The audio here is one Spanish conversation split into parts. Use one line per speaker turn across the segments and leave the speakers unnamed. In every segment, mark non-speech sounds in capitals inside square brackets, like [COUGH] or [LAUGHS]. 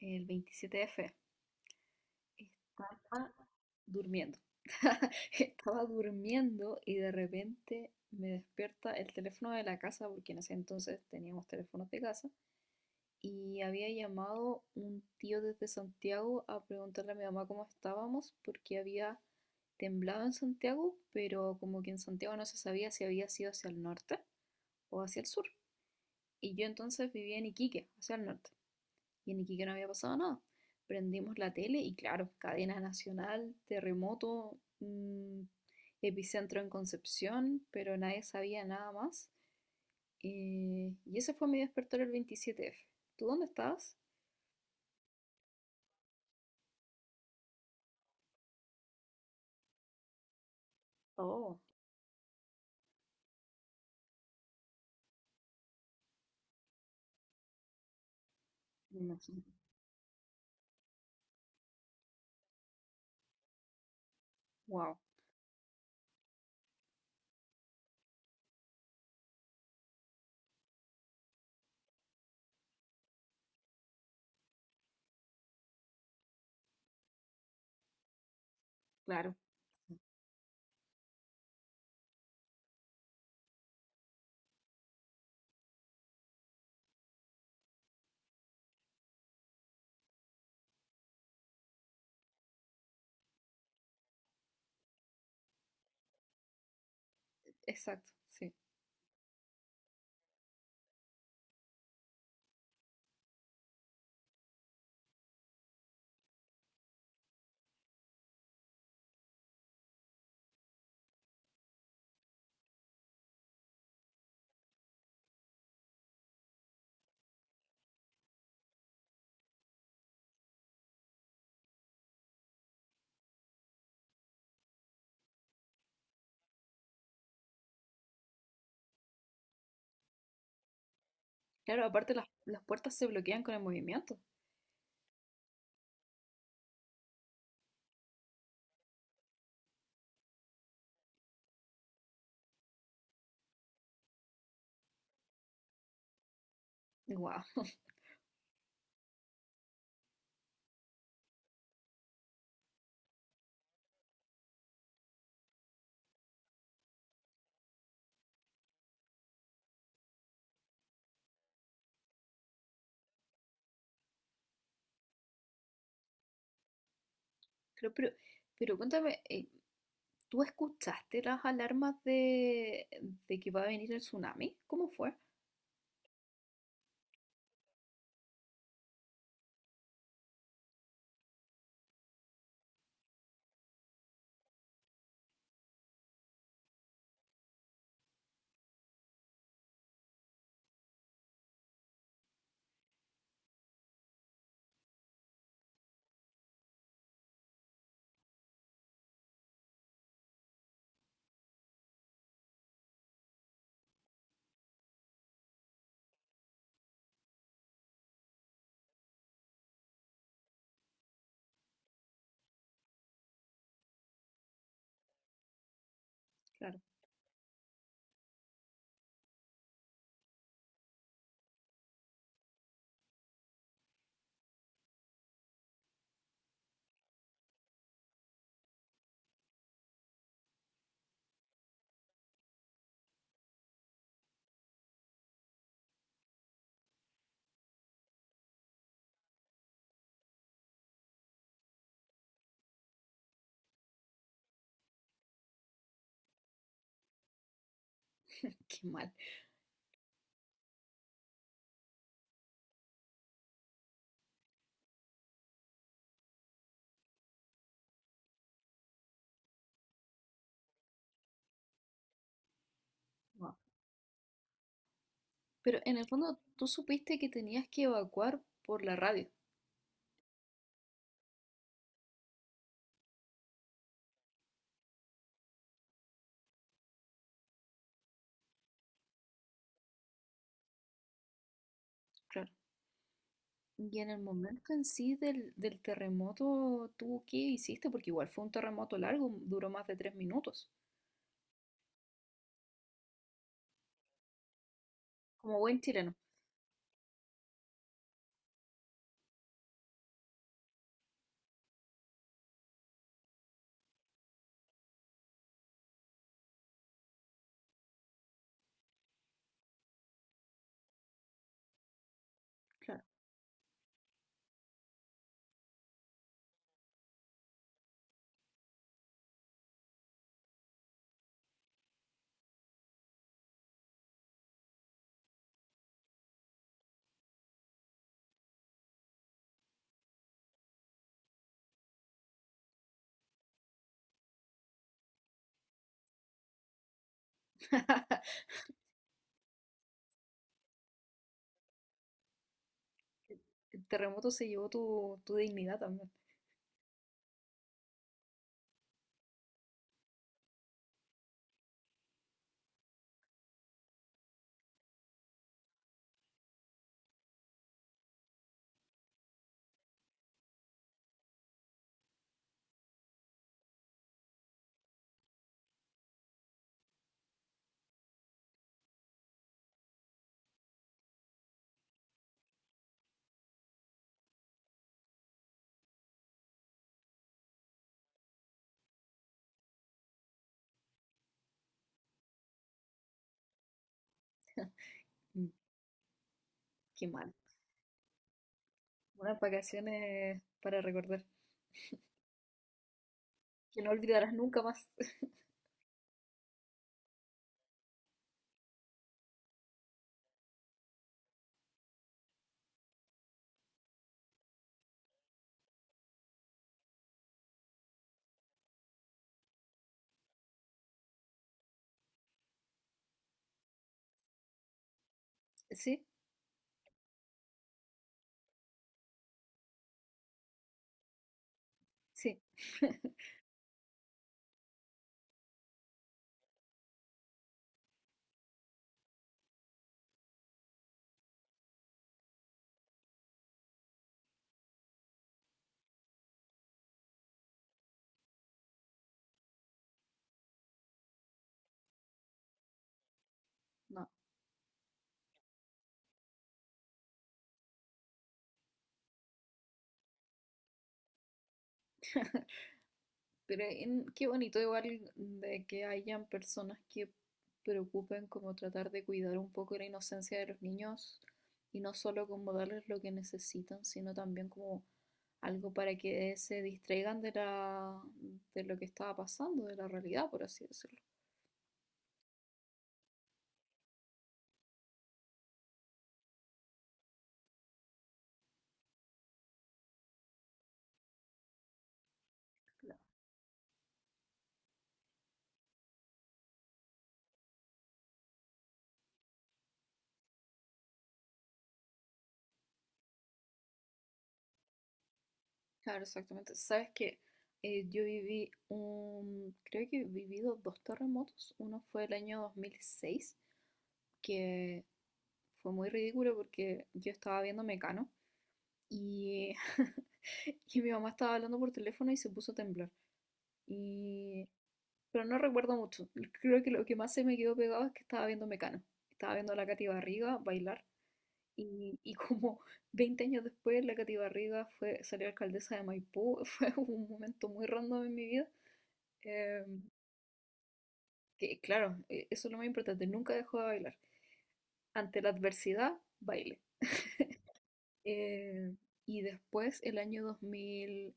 El 27F. Estaba durmiendo. [LAUGHS] Estaba durmiendo y de repente me despierta el teléfono de la casa, porque en ese entonces teníamos teléfonos de casa, y había llamado un tío desde Santiago a preguntarle a mi mamá cómo estábamos, porque había temblado en Santiago, pero como que en Santiago no se sabía si había sido hacia el norte o hacia el sur. Y yo entonces vivía en Iquique, hacia el norte. Y en Iquique no había pasado nada. Prendimos la tele y claro, cadena nacional, terremoto, epicentro en Concepción, pero nadie sabía nada más. Y ese fue mi despertar el 27F. ¿Tú dónde estabas? Oh, me imagino. Wow, claro, exacto, sí. Claro, aparte las puertas se bloquean con el movimiento. Wow. [LAUGHS] Pero, pero, pero, cuéntame, ¿tú escuchaste las alarmas de que va a venir el tsunami? ¿Cómo fue? Claro, qué mal. Wow. Pero en el fondo tú supiste que tenías que evacuar por la radio. Claro. Y en el momento en sí del terremoto, ¿tú qué hiciste? Porque igual fue un terremoto largo, duró más de 3 minutos. Como buen chileno. Claro. [LAUGHS] El terremoto se llevó tu dignidad también. Mm, qué mal. Unas vacaciones para recordar, que no olvidarás nunca más. [LAUGHS] Sí, sí. [LAUGHS] No, pero qué bonito igual de que hayan personas que preocupen como tratar de cuidar un poco la inocencia de los niños y no solo como darles lo que necesitan, sino también como algo para que se distraigan de la, de lo que estaba pasando, de la realidad, por así decirlo. Claro. Claro, exactamente. Sabes que yo viví un, creo que he vivido dos terremotos. Uno fue el año 2006 que fue muy ridículo porque yo estaba viendo Mecano y, [LAUGHS] y mi mamá estaba hablando por teléfono y se puso a temblar. Y, pero no recuerdo mucho. Creo que lo que más se me quedó pegado es que estaba viendo Mecano. Estaba viendo a la Katy Barriga bailar. Y como [LAUGHS] 20 años después, la Katy Barriga fue, salió alcaldesa de Maipú. [LAUGHS] Fue un momento muy random en mi vida. em, que claro, eso es lo más importante. Nunca dejó de bailar. Ante la adversidad, baile. Eh, y después, el año dos mil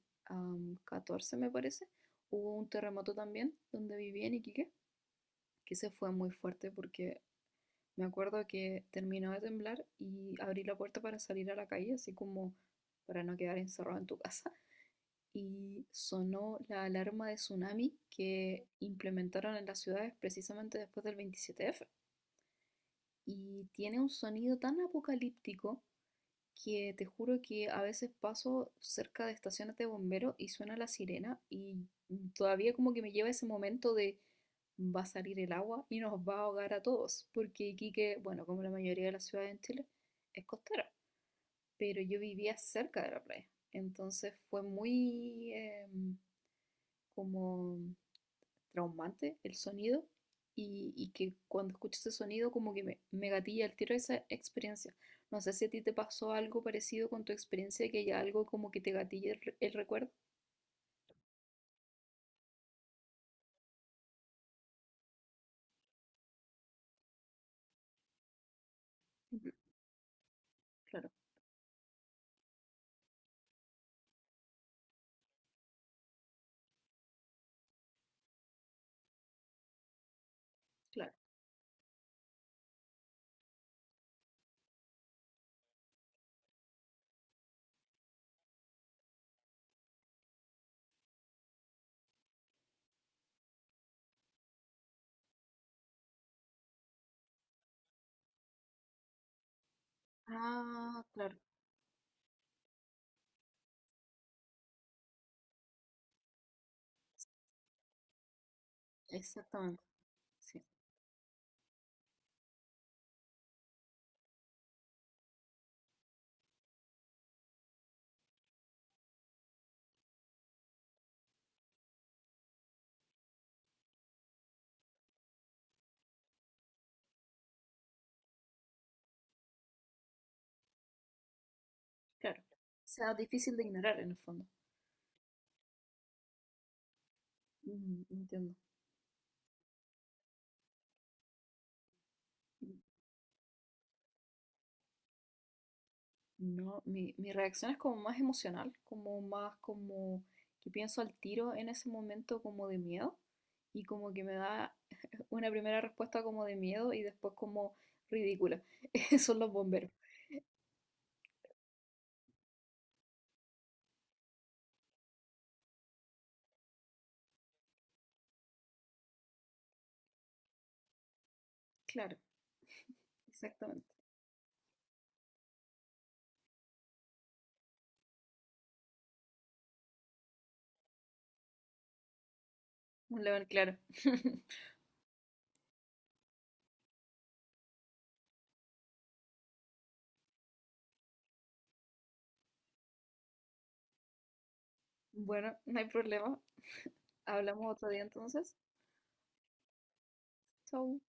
catorce me parece, hubo un terremoto también donde viví en Iquique, que se fue muy fuerte porque me acuerdo que terminó de temblar y abrí la puerta para salir a la calle, así como para no quedar encerrado en tu casa. Y sonó la alarma de tsunami que implementaron en las ciudades precisamente después del 27F. Y tiene un sonido tan apocalíptico que te juro que a veces paso cerca de estaciones de bomberos y suena la sirena y todavía como que me lleva ese momento de va a salir el agua y nos va a ahogar a todos, porque Iquique, bueno, como la mayoría de las ciudades en Chile, es costera, pero yo vivía cerca de la playa, entonces fue muy como traumante el sonido y que cuando escucho ese sonido como que me gatilla el tiro de esa experiencia. No sé si a ti te pasó algo parecido con tu experiencia, que haya algo como que te gatille el, el recuerdo. Ujú, claro, claro. Ah, claro. Exactamente. Sí. Claro. O sea, difícil de ignorar en el fondo. Mm, entiendo. Mm, no, mi reacción es como más emocional, como más como que pienso al tiro en ese momento como de miedo y como que me da una primera respuesta como de miedo y después como ridícula. [LAUGHS] Son los bomberos. Claro, exactamente. Un león claro. [LAUGHS] Bueno, no hay problema. Hablamos otro día entonces. Chau.